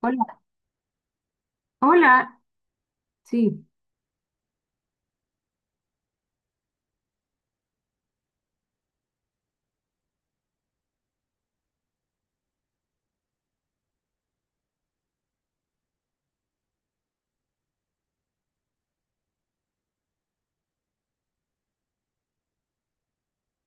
Hola, hola, sí.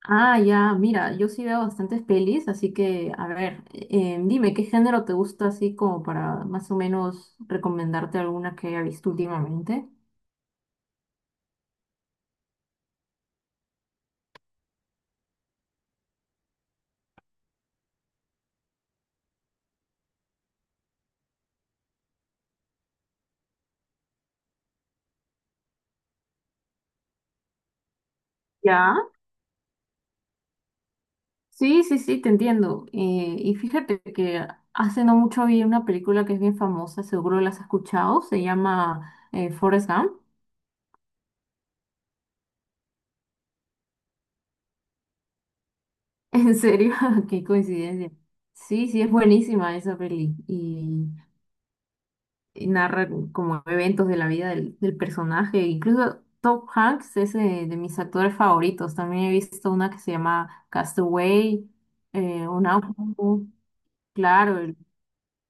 Ya, mira, yo sí veo bastantes pelis, así que, a ver, dime, ¿qué género te gusta así como para más o menos recomendarte alguna que haya visto últimamente? Ya. Sí, sí, sí, te entiendo. Y fíjate que hace no mucho vi una película que es bien famosa, seguro la has escuchado, se llama Forrest Gump. En serio, qué coincidencia. Sí, sí, es buenísima esa peli. Y narra como eventos de la vida del personaje. Incluso Tom Hanks es mis actores favoritos. También he visto una que se llama Castaway, Un Náufrago, claro,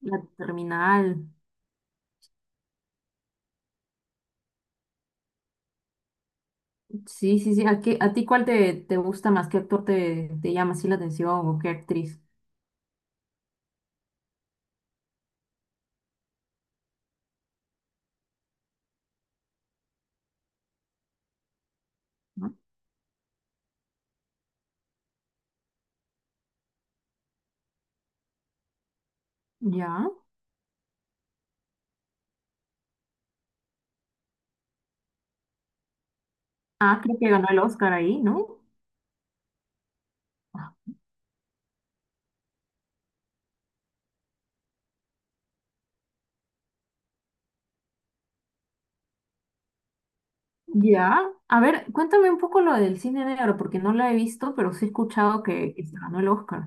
La Terminal. Sí, sí, sí. ¿A ti cuál te gusta más? ¿Qué actor te llama así la atención o qué actriz? ¿No? Ya. Ah, creo que ganó el Oscar ahí, ¿no? Ya. A ver, cuéntame un poco lo del cine negro, porque no lo he visto, pero sí he escuchado que se ganó el Oscar.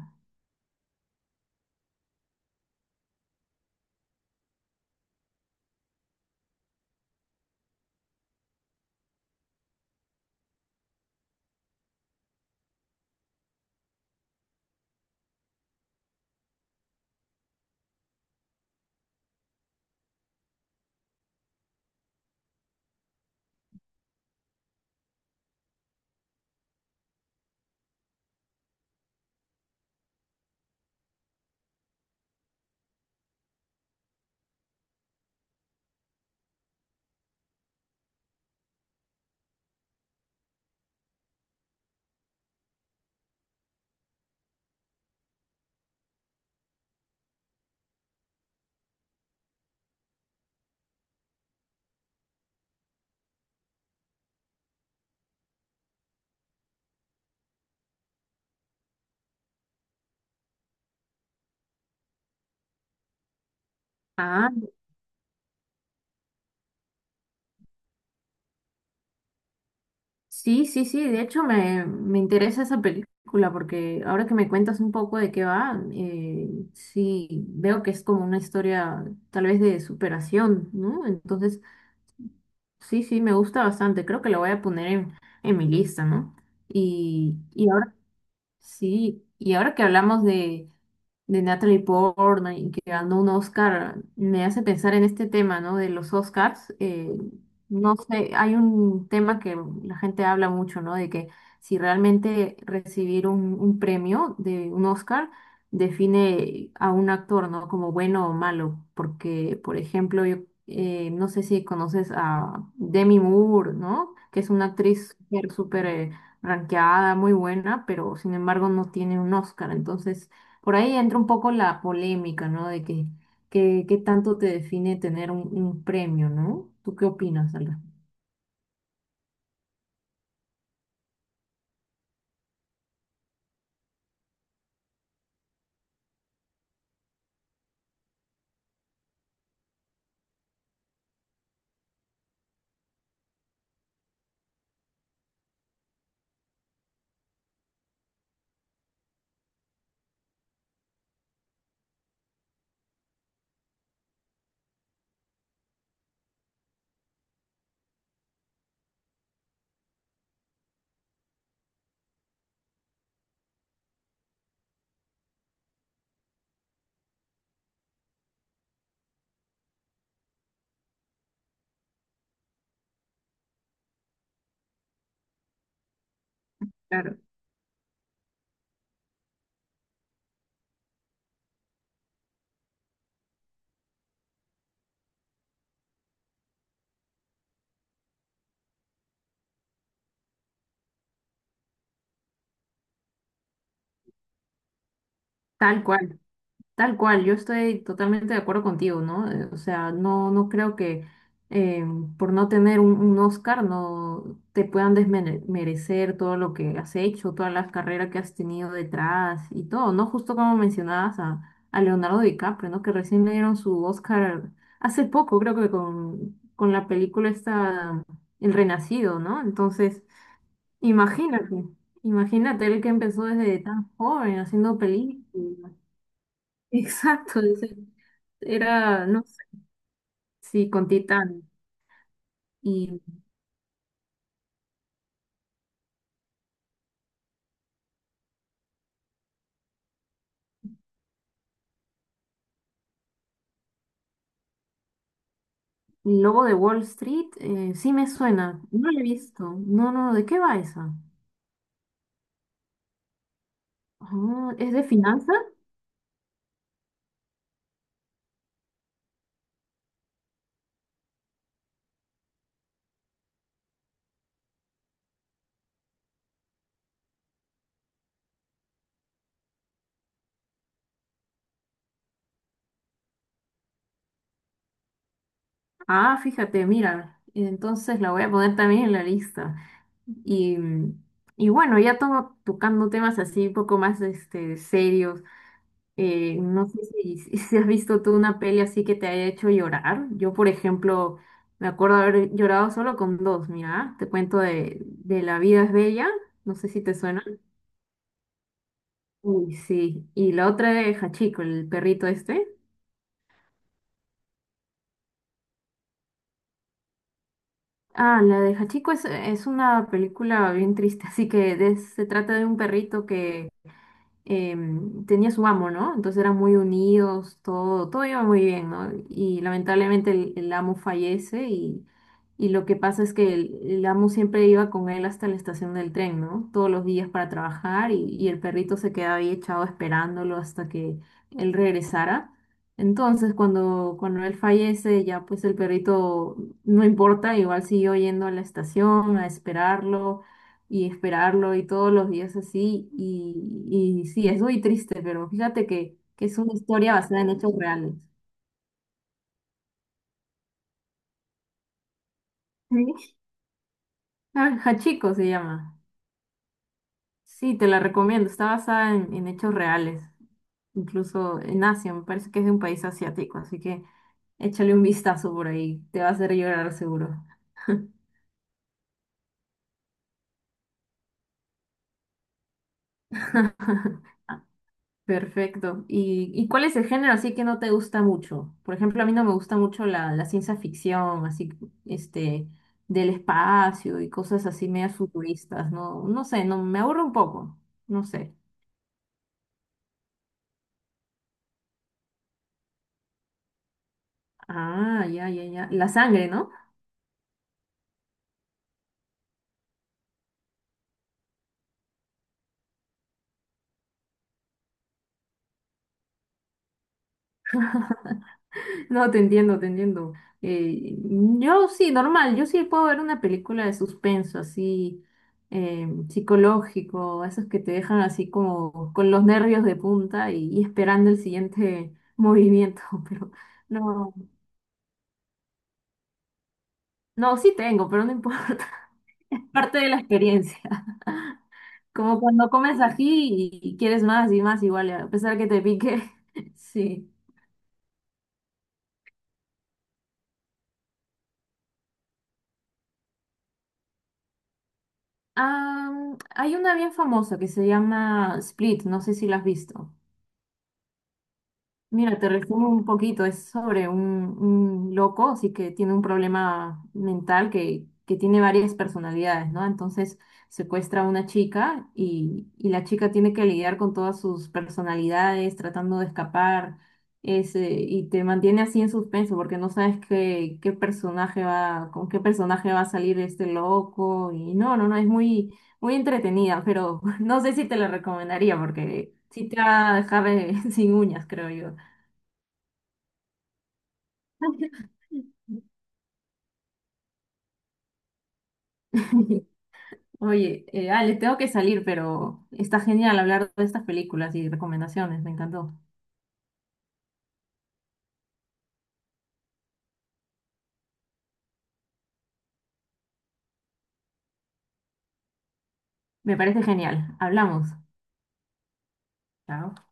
Ah, sí, sí, sí, de hecho me interesa esa película porque ahora que me cuentas un poco de qué va, sí, veo que es como una historia tal vez de superación, ¿no? Entonces, sí, sí, me gusta bastante, creo que la voy a poner en mi lista, ¿no? Y ahora sí, y ahora que hablamos de Natalie Portman y que ganó un Oscar, me hace pensar en este tema, ¿no? De los Oscars. No sé, hay un tema que la gente habla mucho, ¿no? De que si realmente recibir un premio de un Oscar define a un actor, ¿no? Como bueno o malo. Porque, por ejemplo, yo no sé si conoces a Demi Moore, ¿no? Que es una actriz súper, súper... ranqueada, muy buena, pero sin embargo no tiene un Oscar. Entonces, por ahí entra un poco la polémica, ¿no? De que, qué tanto te define tener un premio, ¿no? ¿Tú qué opinas, Alba? Claro, tal cual. Tal cual, yo estoy totalmente de acuerdo contigo, ¿no? O sea, no, no creo que eh, por no tener un Oscar no te puedan desmerecer todo lo que has hecho, todas las carreras que has tenido detrás y todo, ¿no? Justo como mencionabas a Leonardo DiCaprio, ¿no? Que recién le dieron su Oscar hace poco, creo que con la película esta, El Renacido, ¿no? Entonces, imagínate, imagínate él que empezó desde tan joven haciendo películas. Exacto, dice. Era, no sé, sí, con Titán. Y y Lobo de Wall Street, sí me suena. No lo he visto. No, no, ¿de qué va esa? Ah, ¿es de finanzas? Ah, fíjate, mira. Entonces la voy a poner también en la lista. Y, y bueno, ya tomo tocando temas así un poco más este, serios. No sé si, si has visto tú una peli así que te haya hecho llorar. Yo, por ejemplo, me acuerdo haber llorado solo con dos. Mira, te cuento de La vida es bella. No sé si te suena. Uy, sí. Y la otra de Hachiko, el perrito este. Ah, la de Hachiko es una película bien triste, así que se trata de un perrito que tenía su amo, ¿no? Entonces eran muy unidos, todo, todo iba muy bien, ¿no? Y lamentablemente el amo fallece y lo que pasa es que el amo siempre iba con él hasta la estación del tren, ¿no? Todos los días para trabajar y el perrito se quedaba ahí echado esperándolo hasta que él regresara. Entonces, cuando, cuando él fallece, ya pues el perrito no importa, igual siguió yendo a la estación a esperarlo y esperarlo y todos los días así. Y sí, es muy triste, pero fíjate que es una historia basada en hechos reales. Sí. Ah, Hachiko se llama. Sí, te la recomiendo. Está basada en hechos reales, incluso en Asia. Me parece que es de un país asiático, así que échale un vistazo por ahí. Te va a hacer llorar seguro. Perfecto. Y cuál es el género así que no te gusta mucho? Por ejemplo, a mí no me gusta mucho la ciencia ficción, así, este, del espacio y cosas así medias futuristas, ¿no? No sé, no, me aburre un poco, no sé. Ah, ya, ya, ya. La sangre, ¿no? No, te entiendo, te entiendo. Yo sí, normal, yo sí puedo ver una película de suspenso, así, psicológico, esos que te dejan así como con los nervios de punta y esperando el siguiente movimiento, pero no, no, sí tengo, pero no importa, parte de la experiencia. Como cuando comes ají y quieres más y más, igual, a pesar que te pique, sí. Ah, hay una bien famosa que se llama Split, no sé si la has visto. Mira, te resumo un poquito, es sobre un loco, así que tiene un problema mental que tiene varias personalidades, ¿no? Entonces secuestra a una chica y la chica tiene que lidiar con todas sus personalidades, tratando de escapar, ese, y te mantiene así en suspenso porque no sabes qué, qué personaje va, con qué personaje va a salir este loco, y no, no, no, es muy, muy entretenida, pero no sé si te la recomendaría porque sí te va a dejar sin uñas, creo yo. Oye, Alex, tengo que salir, pero está genial hablar de estas películas y recomendaciones, me encantó. Me parece genial. Hablamos. Chao.